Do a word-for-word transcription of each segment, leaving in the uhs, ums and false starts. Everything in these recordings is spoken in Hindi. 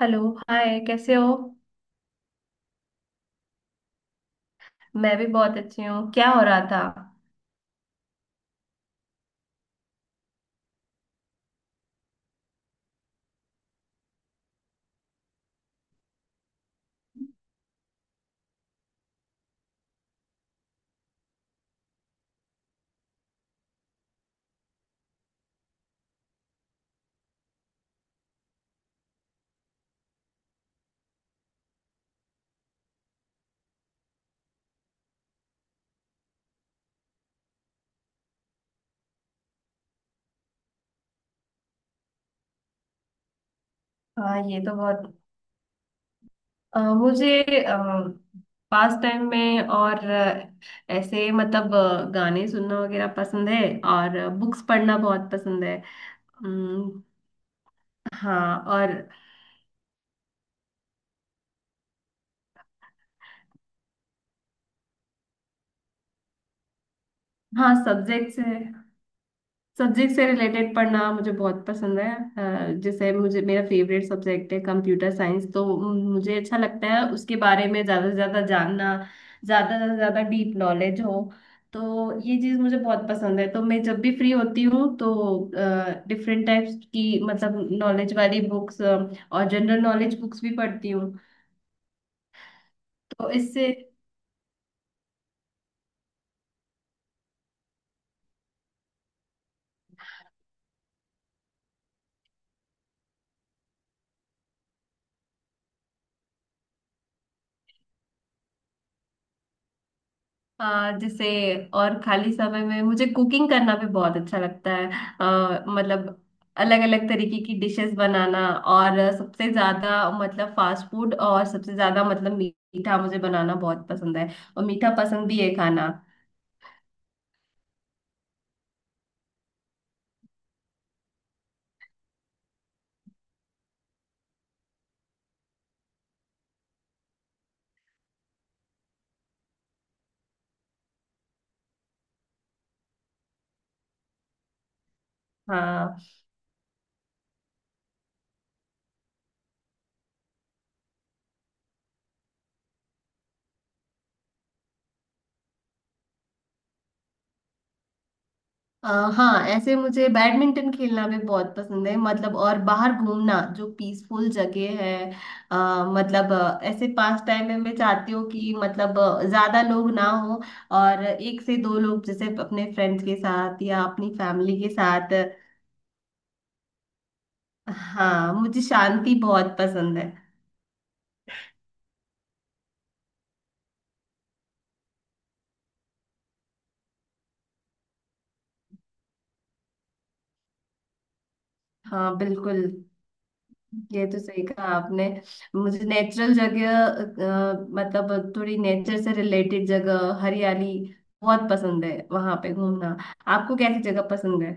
हेलो। हाय, कैसे हो? मैं भी बहुत अच्छी हूँ। क्या हो रहा था? हाँ, ये तो बहुत। अ, मुझे पास टाइम में और अ, ऐसे मतलब अ, गाने सुनना वगैरह पसंद है। और बुक्स पढ़ना बहुत पसंद है। अम्म, हाँ। और हाँ, सब्जेक्ट्स है। सब्जेक्ट से रिलेटेड पढ़ना मुझे बहुत पसंद है। अ, जैसे मुझे मेरा फेवरेट सब्जेक्ट है कंप्यूटर साइंस। तो म, मुझे अच्छा लगता है उसके बारे में ज़्यादा से ज़्यादा जानना, ज़्यादा से ज़्यादा डीप नॉलेज हो। तो ये चीज़ मुझे बहुत पसंद है। तो मैं जब भी फ्री होती हूँ तो डिफरेंट टाइप्स की मतलब नॉलेज वाली बुक्स और जनरल नॉलेज बुक्स भी पढ़ती हूँ। तो इससे। हाँ, जैसे। और खाली समय में मुझे कुकिंग करना भी बहुत अच्छा लगता है। अ, मतलब अलग अलग तरीके की डिशेस बनाना। और सबसे ज्यादा मतलब फास्ट फूड, और सबसे ज्यादा मतलब मीठा मुझे बनाना बहुत पसंद है। और मीठा पसंद भी है खाना। हाँ। अ, हाँ, ऐसे मुझे बैडमिंटन खेलना भी बहुत पसंद है, मतलब। और बाहर घूमना जो पीसफुल जगह है। अ, मतलब अ, ऐसे पास टाइम में मैं चाहती हूँ कि मतलब अ, ज्यादा लोग ना हो, और एक से दो लोग, जैसे अपने फ्रेंड्स के साथ या अपनी फैमिली के साथ। हाँ, मुझे शांति बहुत पसंद है। हाँ बिल्कुल। ये तो सही कहा आपने। मुझे नेचुरल जगह, अ, मतलब थोड़ी नेचर से रिलेटेड जगह, हरियाली बहुत पसंद है वहां पे घूमना। आपको कैसी जगह पसंद है?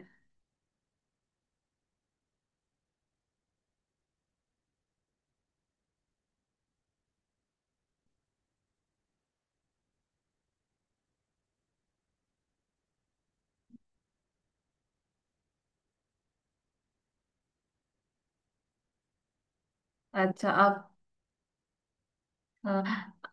अच्छा आप। हाँ।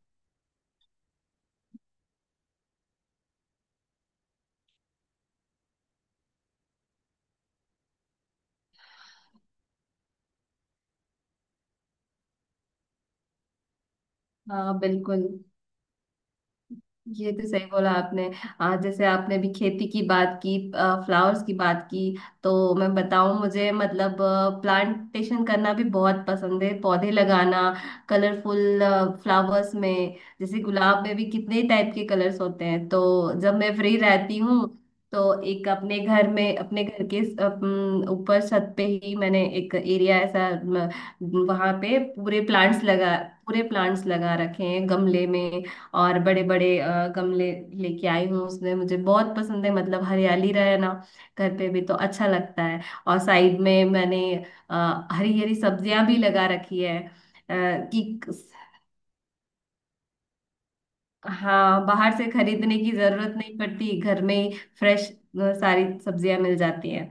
हाँ बिल्कुल। ये तो सही बोला आपने। आज जैसे आपने भी खेती की बात की, फ्लावर्स की बात की, तो मैं बताऊं मुझे मतलब प्लांटेशन करना भी बहुत पसंद है, पौधे लगाना। कलरफुल फ्लावर्स में जैसे गुलाब में भी कितने टाइप के कलर्स होते हैं। तो जब मैं फ्री रहती हूँ तो एक अपने घर में, अपने घर के स- अपन ऊपर छत पे ही मैंने एक एरिया ऐसा। वहां पे पूरे प्लांट्स लगा पूरे प्लांट्स लगा रखे हैं गमले में। और बड़े बड़े अ, गमले लेके आई हूँ। उसमें मुझे बहुत पसंद है, मतलब हरियाली रहे ना, घर पे भी तो अच्छा लगता है। और साइड में मैंने हरी हरी सब्जियां भी लगा रखी है। अ, कि हाँ, बाहर से खरीदने की जरूरत नहीं पड़ती, घर में ही फ्रेश सारी सब्जियां मिल जाती हैं।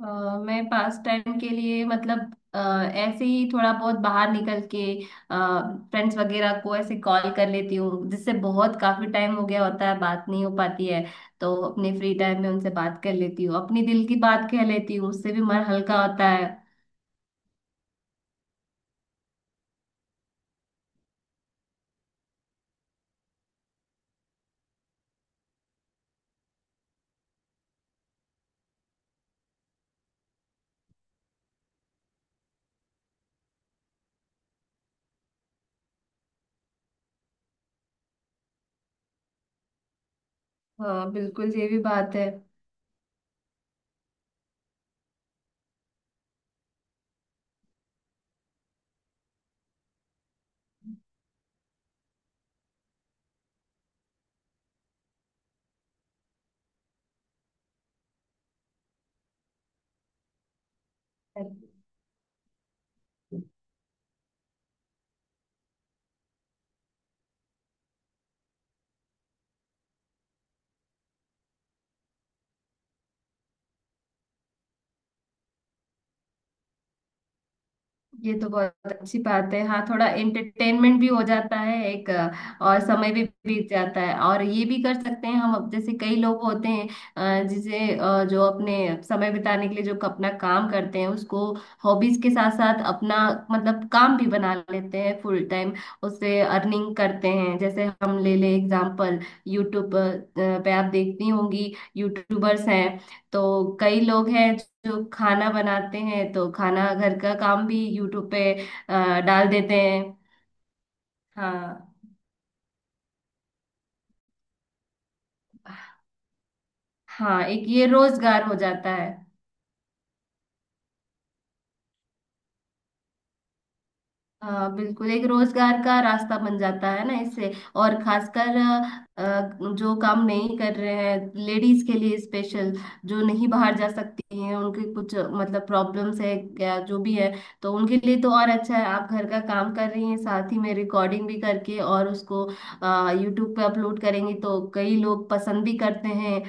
अ, मैं पास टाइम के लिए, मतलब अ, ऐसे ही थोड़ा बहुत बाहर निकल के फ्रेंड्स वगैरह को ऐसे कॉल कर लेती हूँ, जिससे बहुत काफी टाइम हो गया होता है बात नहीं हो पाती है। तो अपने फ्री टाइम में उनसे बात कर लेती हूँ, अपनी दिल की बात कह लेती हूँ, उससे भी मन हल्का होता है। हाँ बिल्कुल, ये भी बात है। ये तो बहुत अच्छी बात है, हाँ। थोड़ा एंटरटेनमेंट भी हो जाता है एक। अ, और समय भी बीत जाता है, और ये भी कर सकते हैं हम। अब जैसे कई लोग होते हैं अ, जिसे अ, जो अपने समय बिताने के लिए, जो अपना काम करते हैं उसको हॉबीज के साथ साथ अपना मतलब काम भी बना लेते हैं फुल टाइम, उससे अर्निंग करते हैं। जैसे हम ले ले एग्जाम्पल, यूट्यूब पे आप देखती होंगी यूट्यूबर्स हैं। तो कई लोग हैं जो खाना बनाते हैं, तो खाना घर का काम भी यूट्यूब पे अ, डाल देते हैं। हाँ हाँ, एक ये रोजगार हो जाता है। हाँ बिल्कुल, एक रोजगार का रास्ता बन जाता है ना इससे। और खासकर अ, अ, जो काम नहीं कर रहे हैं लेडीज के लिए स्पेशल, जो नहीं बाहर जा सकती हैं, उनके कुछ मतलब प्रॉब्लम्स है क्या, जो भी है, तो उनके लिए तो और अच्छा है। आप घर का काम कर रही हैं, साथ ही में रिकॉर्डिंग भी करके, और उसको यूट्यूब पे अपलोड करेंगी, तो कई लोग पसंद भी करते हैं,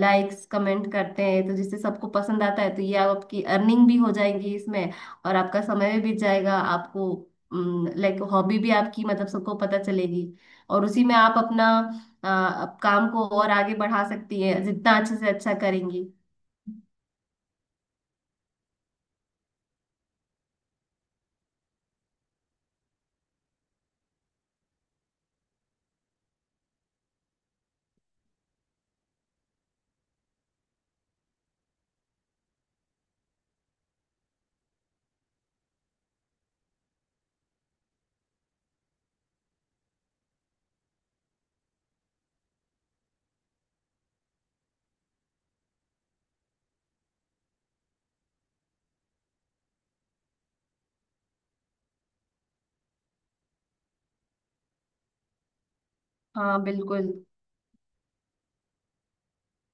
लाइक्स कमेंट करते हैं, तो जिससे सबको पसंद आता है, तो ये आपकी अर्निंग भी हो जाएगी इसमें। और आपका समय भी बीत जाएगा, आपको लाइक हॉबी भी आपकी मतलब सबको पता चलेगी। और उसी में आप अपना अ, अप- काम को और आगे बढ़ा सकती है, जितना अच्छे से अच्छा करेंगी। हाँ बिल्कुल।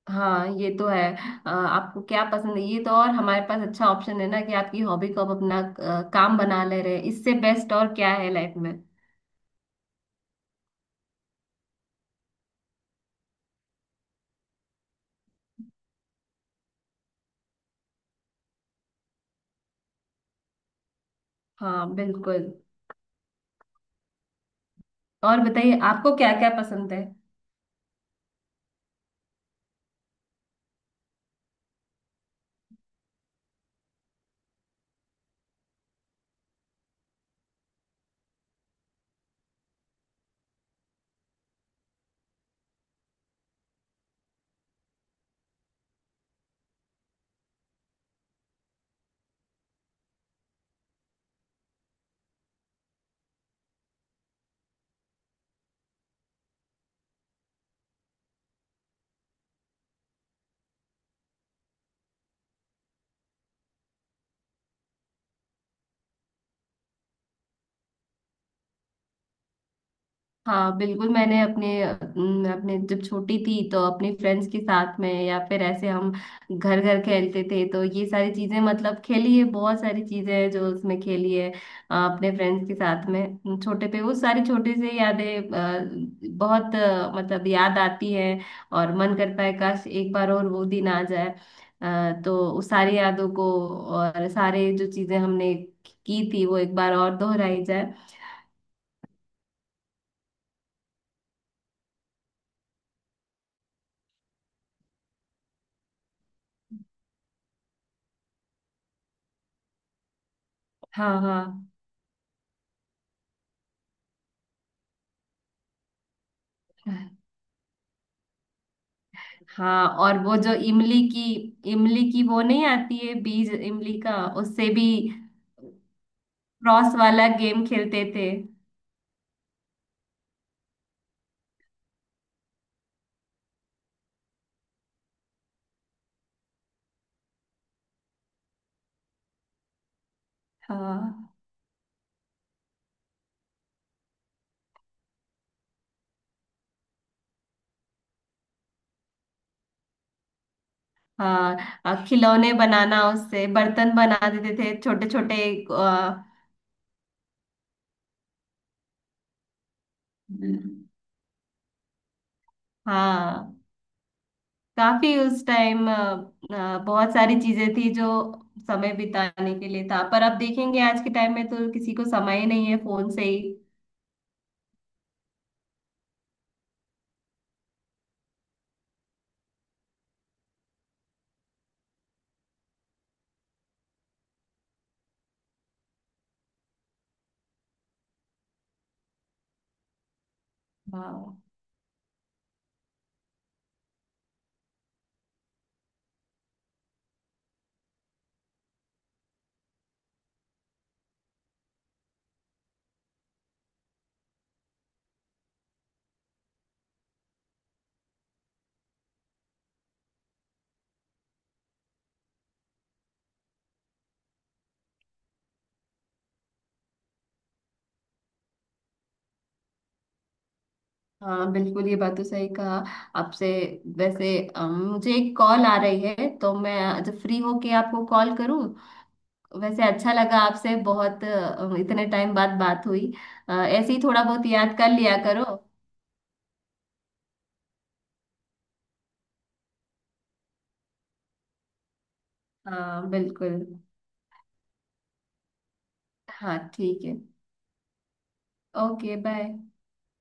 हाँ, ये तो है। अ, आपको क्या पसंद है ये तो, और हमारे पास अच्छा ऑप्शन है ना कि आपकी हॉबी को आप अपना अ, काम बना ले रहे हैं, इससे बेस्ट और क्या है लाइफ में। हाँ बिल्कुल। और बताइए आपको क्या क्या पसंद है? हाँ बिल्कुल, मैंने अपने अम, अपने जब छोटी थी तो अपने फ्रेंड्स के साथ में, या फिर ऐसे हम घर घर खेलते थे, तो ये सारी चीजें मतलब खेली है। बहुत सारी चीजें हैं जो उसमें खेली है अ, अपने फ्रेंड्स के साथ में। अम, छोटे पे वो सारी छोटी सी यादें अ, बहुत अ, मतलब याद आती है, और मन करता है काश एक बार और वो दिन आ जाए। अ, तो उस सारी यादों को और सारे जो चीजें हमने की थी वो एक बार और दोहराई जाए। हाँ। हाँ। हाँ। और वो जो इमली की इमली की वो नहीं आती है, बीज इमली का, उससे भी क्रॉस वाला गेम खेलते थे। हाँ। हाँ अ, खिलौने बनाना, उससे बर्तन बना देते थे छोटे छोटे। हाँ। काफी उस टाइम बहुत सारी चीजें थी जो समय बिताने के लिए था, पर अब देखेंगे आज के टाइम में तो किसी को समय ही नहीं है, फोन से ही। हाँ। हाँ बिल्कुल, ये बात तो सही कहा आपसे। वैसे अम, मुझे एक कॉल आ रही है, तो मैं जब फ्री हो के आपको कॉल करूँ। वैसे अच्छा लगा आपसे बहुत, अ, इतने टाइम बाद बात हुई। अ, ऐसे ही थोड़ा बहुत याद कर लिया करो। हाँ बिल्कुल। हाँ ठीक है। Okay bye.